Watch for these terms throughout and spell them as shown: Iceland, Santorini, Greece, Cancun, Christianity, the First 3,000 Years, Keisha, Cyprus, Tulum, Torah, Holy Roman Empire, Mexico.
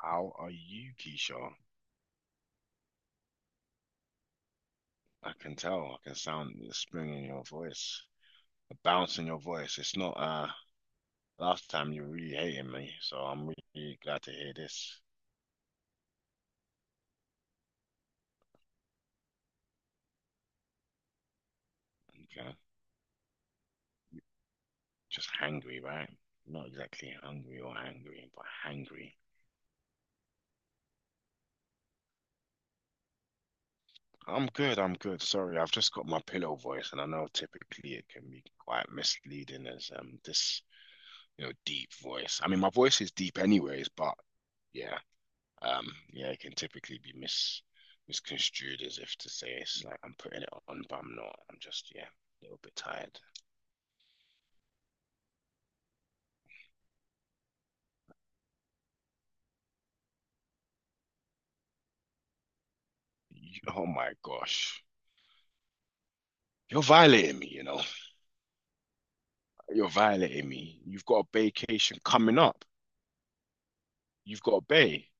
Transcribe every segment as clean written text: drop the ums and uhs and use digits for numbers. How are you, Keisha? I can tell. I can sound the spring in your voice, the bounce in your voice. It's not Last time you were really hating me, so I'm really glad to hear this. Okay. Just hangry, right? Not exactly hungry or angry, but hangry. I'm good, I'm good. Sorry, I've just got my pillow voice, and I know typically it can be quite misleading as this deep voice. I mean, my voice is deep anyways, but yeah. Yeah, it can typically be misconstrued as if to say it's like I'm putting it on, but I'm not. I'm just, yeah, a little bit tired. Oh my gosh. You're violating me, you know. You're violating me. You've got a vacation coming up. You've got a bay.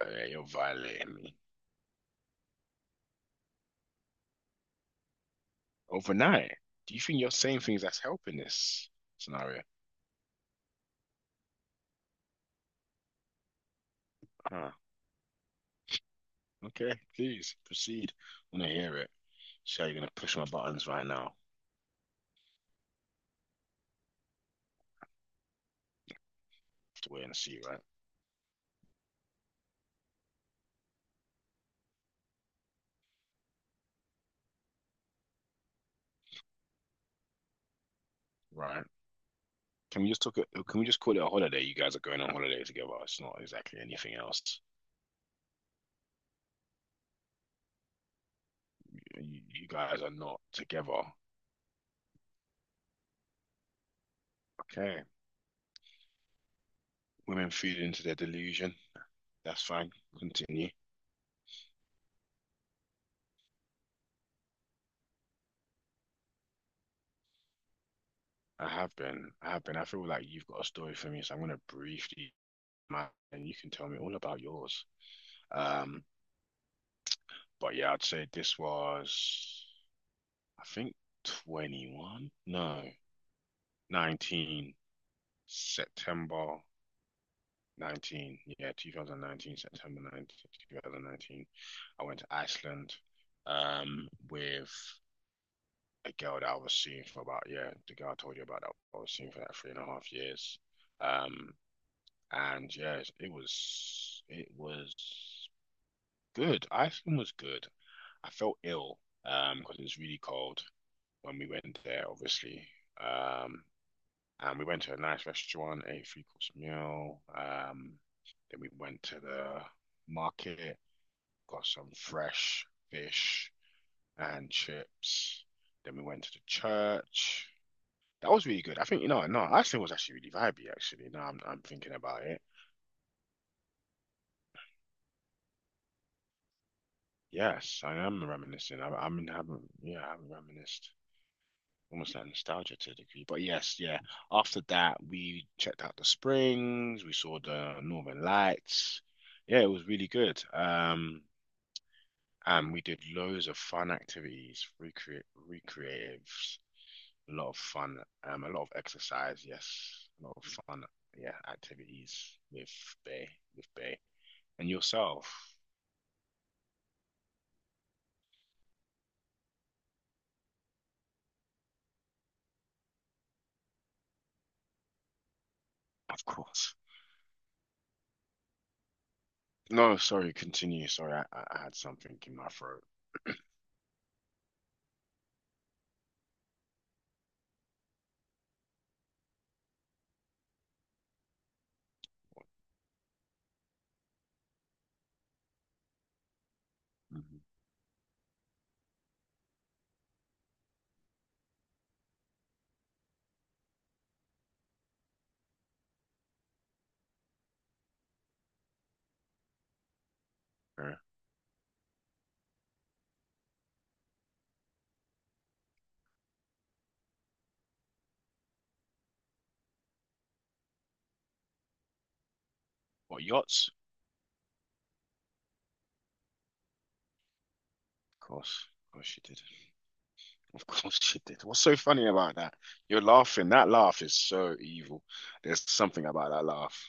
Oh, yeah, you're violating me. Overnight. Do you think you're saying things that's helping this scenario? Ah, okay, please proceed. I want to hear it. So you're gonna push my buttons right now. I have to wait and see, right? Right. Can we just talk? Can we just call it a holiday? You guys are going on holiday together. It's not exactly anything else. You, you guys are not together. Okay. Women feed into their delusion. That's fine. Continue. I have been. I have been. I feel like you've got a story for me, so I'm gonna briefly, and you can tell me all about yours. Um, but yeah, I'd say this was, I think, 21? No, 19 September 19, yeah, 2019, September 19th, 2019, 2019. I went to Iceland with a girl that I was seeing for about, yeah, the girl I told you about that I was seeing for like three and a half years. Um, and yeah, it was good. Iceland was good. I felt ill because it was really cold when we went there, obviously. Um, we went to a nice restaurant, ate three course meal. Then we went to the market, got some fresh fish and chips. Then we went to the church. That was really good. I think, you know, no, Iceland was actually really vibey, actually. Now I'm thinking about it. Yes, I am reminiscing. I'm having, yeah, I haven't reminisced. Almost like nostalgia to a degree. But yes, yeah. After that, we checked out the springs, we saw the Northern Lights. Yeah, it was really good. And we did loads of fun activities, recreate recreatives, a lot of fun, a lot of exercise, yes, a lot of fun, yeah, activities with Bay, with Bay. And yourself, of course. No, sorry, continue. Sorry, I had something in my throat. Mhm. Uh, what yachts? Of course you did. Of course she did. What's so funny about that? You're laughing. That laugh is so evil. There's something about that laugh.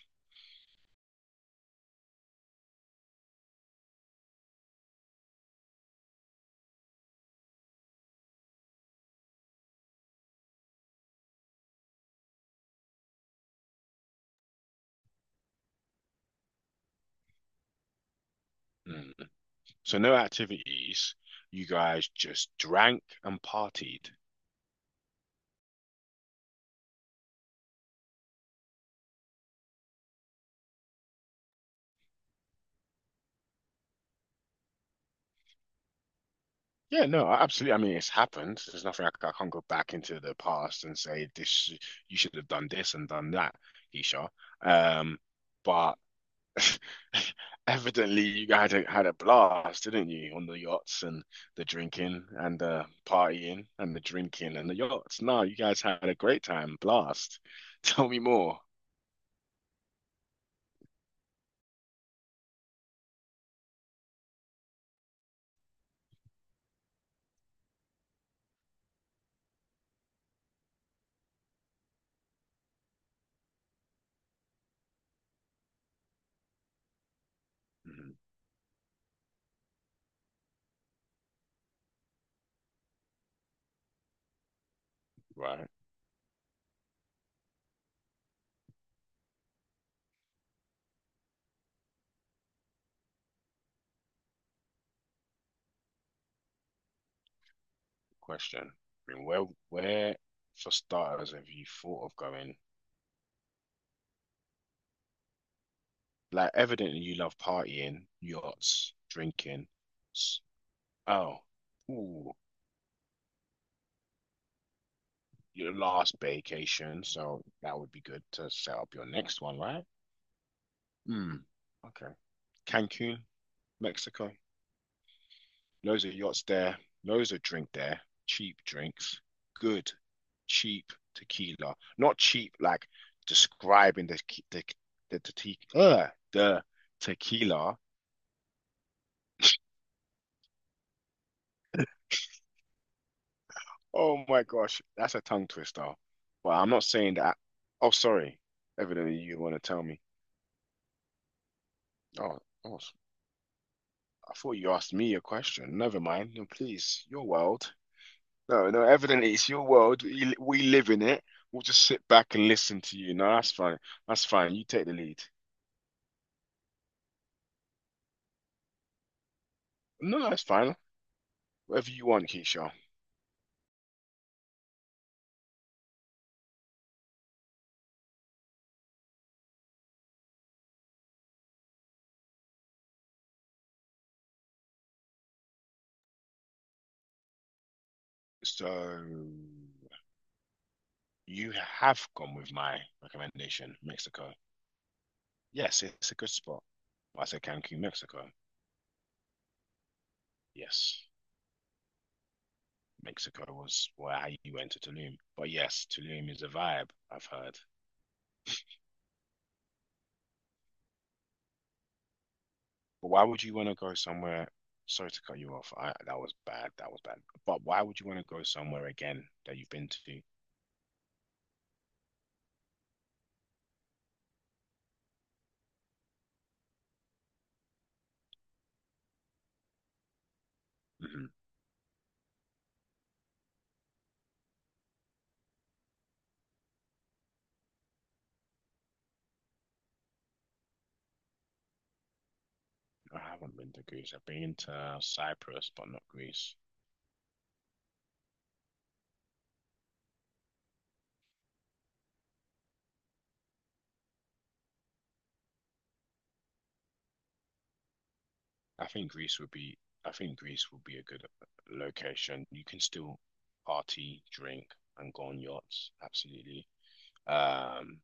Mm. So no activities. You guys just drank and partied. Yeah, no, absolutely. I mean, it's happened. There's nothing I can't go back into the past and say this. You should have done this and done that, Keisha. Um, but evidently, you guys had a blast, didn't you, on the yachts and the drinking and the partying and the drinking and the yachts. No, you guys had a great time, blast. Tell me more. Mhm. Right, question. I mean, where, for starters, have you thought of going? Like, evidently, you love partying, yachts, drinking. S- Oh, ooh, your last vacation, so that would be good to set up your next one, right? Hmm. Okay. Cancun, Mexico. Loads of yachts there, loads of drink there, cheap drinks, good, cheap tequila. Not cheap like describing the the, the, te uh, the tequila. Oh my gosh, that's a tongue twister. But I'm not saying that. Oh, sorry. Evidently, you want to tell me. Oh, oh, I thought you asked me a question. Never mind. No, please, your world. No, no, evidently it's your world. We live in it. We'll just sit back and listen to you. No, that's fine. That's fine. You take the lead. No, that's fine. Whatever you want, Keisha. So you have gone with my recommendation, Mexico. Yes, it's a good spot. I said Cancun, Mexico. Yes, Mexico was where you went to Tulum. But yes, Tulum is a vibe, I've heard. But why would you want to go somewhere? Sorry to cut you off. That was bad. That was bad. But why would you want to go somewhere again that you've been to? Mhm. I haven't been to Greece. I've been to Cyprus, but not Greece. I think Greece would be. I think Greece would be a good location. You can still party, drink, and go on yachts. Absolutely. Um,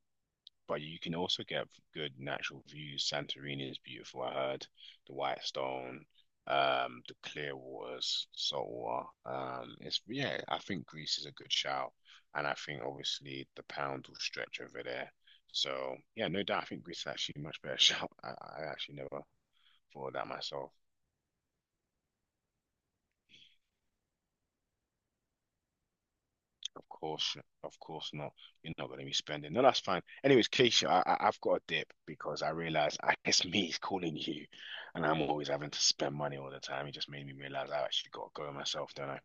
But you can also get good natural views. Santorini is beautiful, I heard. The White Stone, the clear waters, salt water. It's yeah, I think Greece is a good shout. And I think obviously the pound will stretch over there. So yeah, no doubt I think Greece is actually a much better shout. I actually never thought of that myself. Of course, of course not. You're not going to be spending. No, that's fine. Anyways, Keisha, I've got a dip because I realized it's me calling you, and I'm always having to spend money all the time. It just made me realize I actually got to go myself, don't I?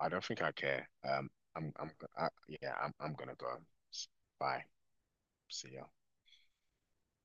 I don't think I care. I'm, I'm, yeah, I'm gonna go. Bye. See ya.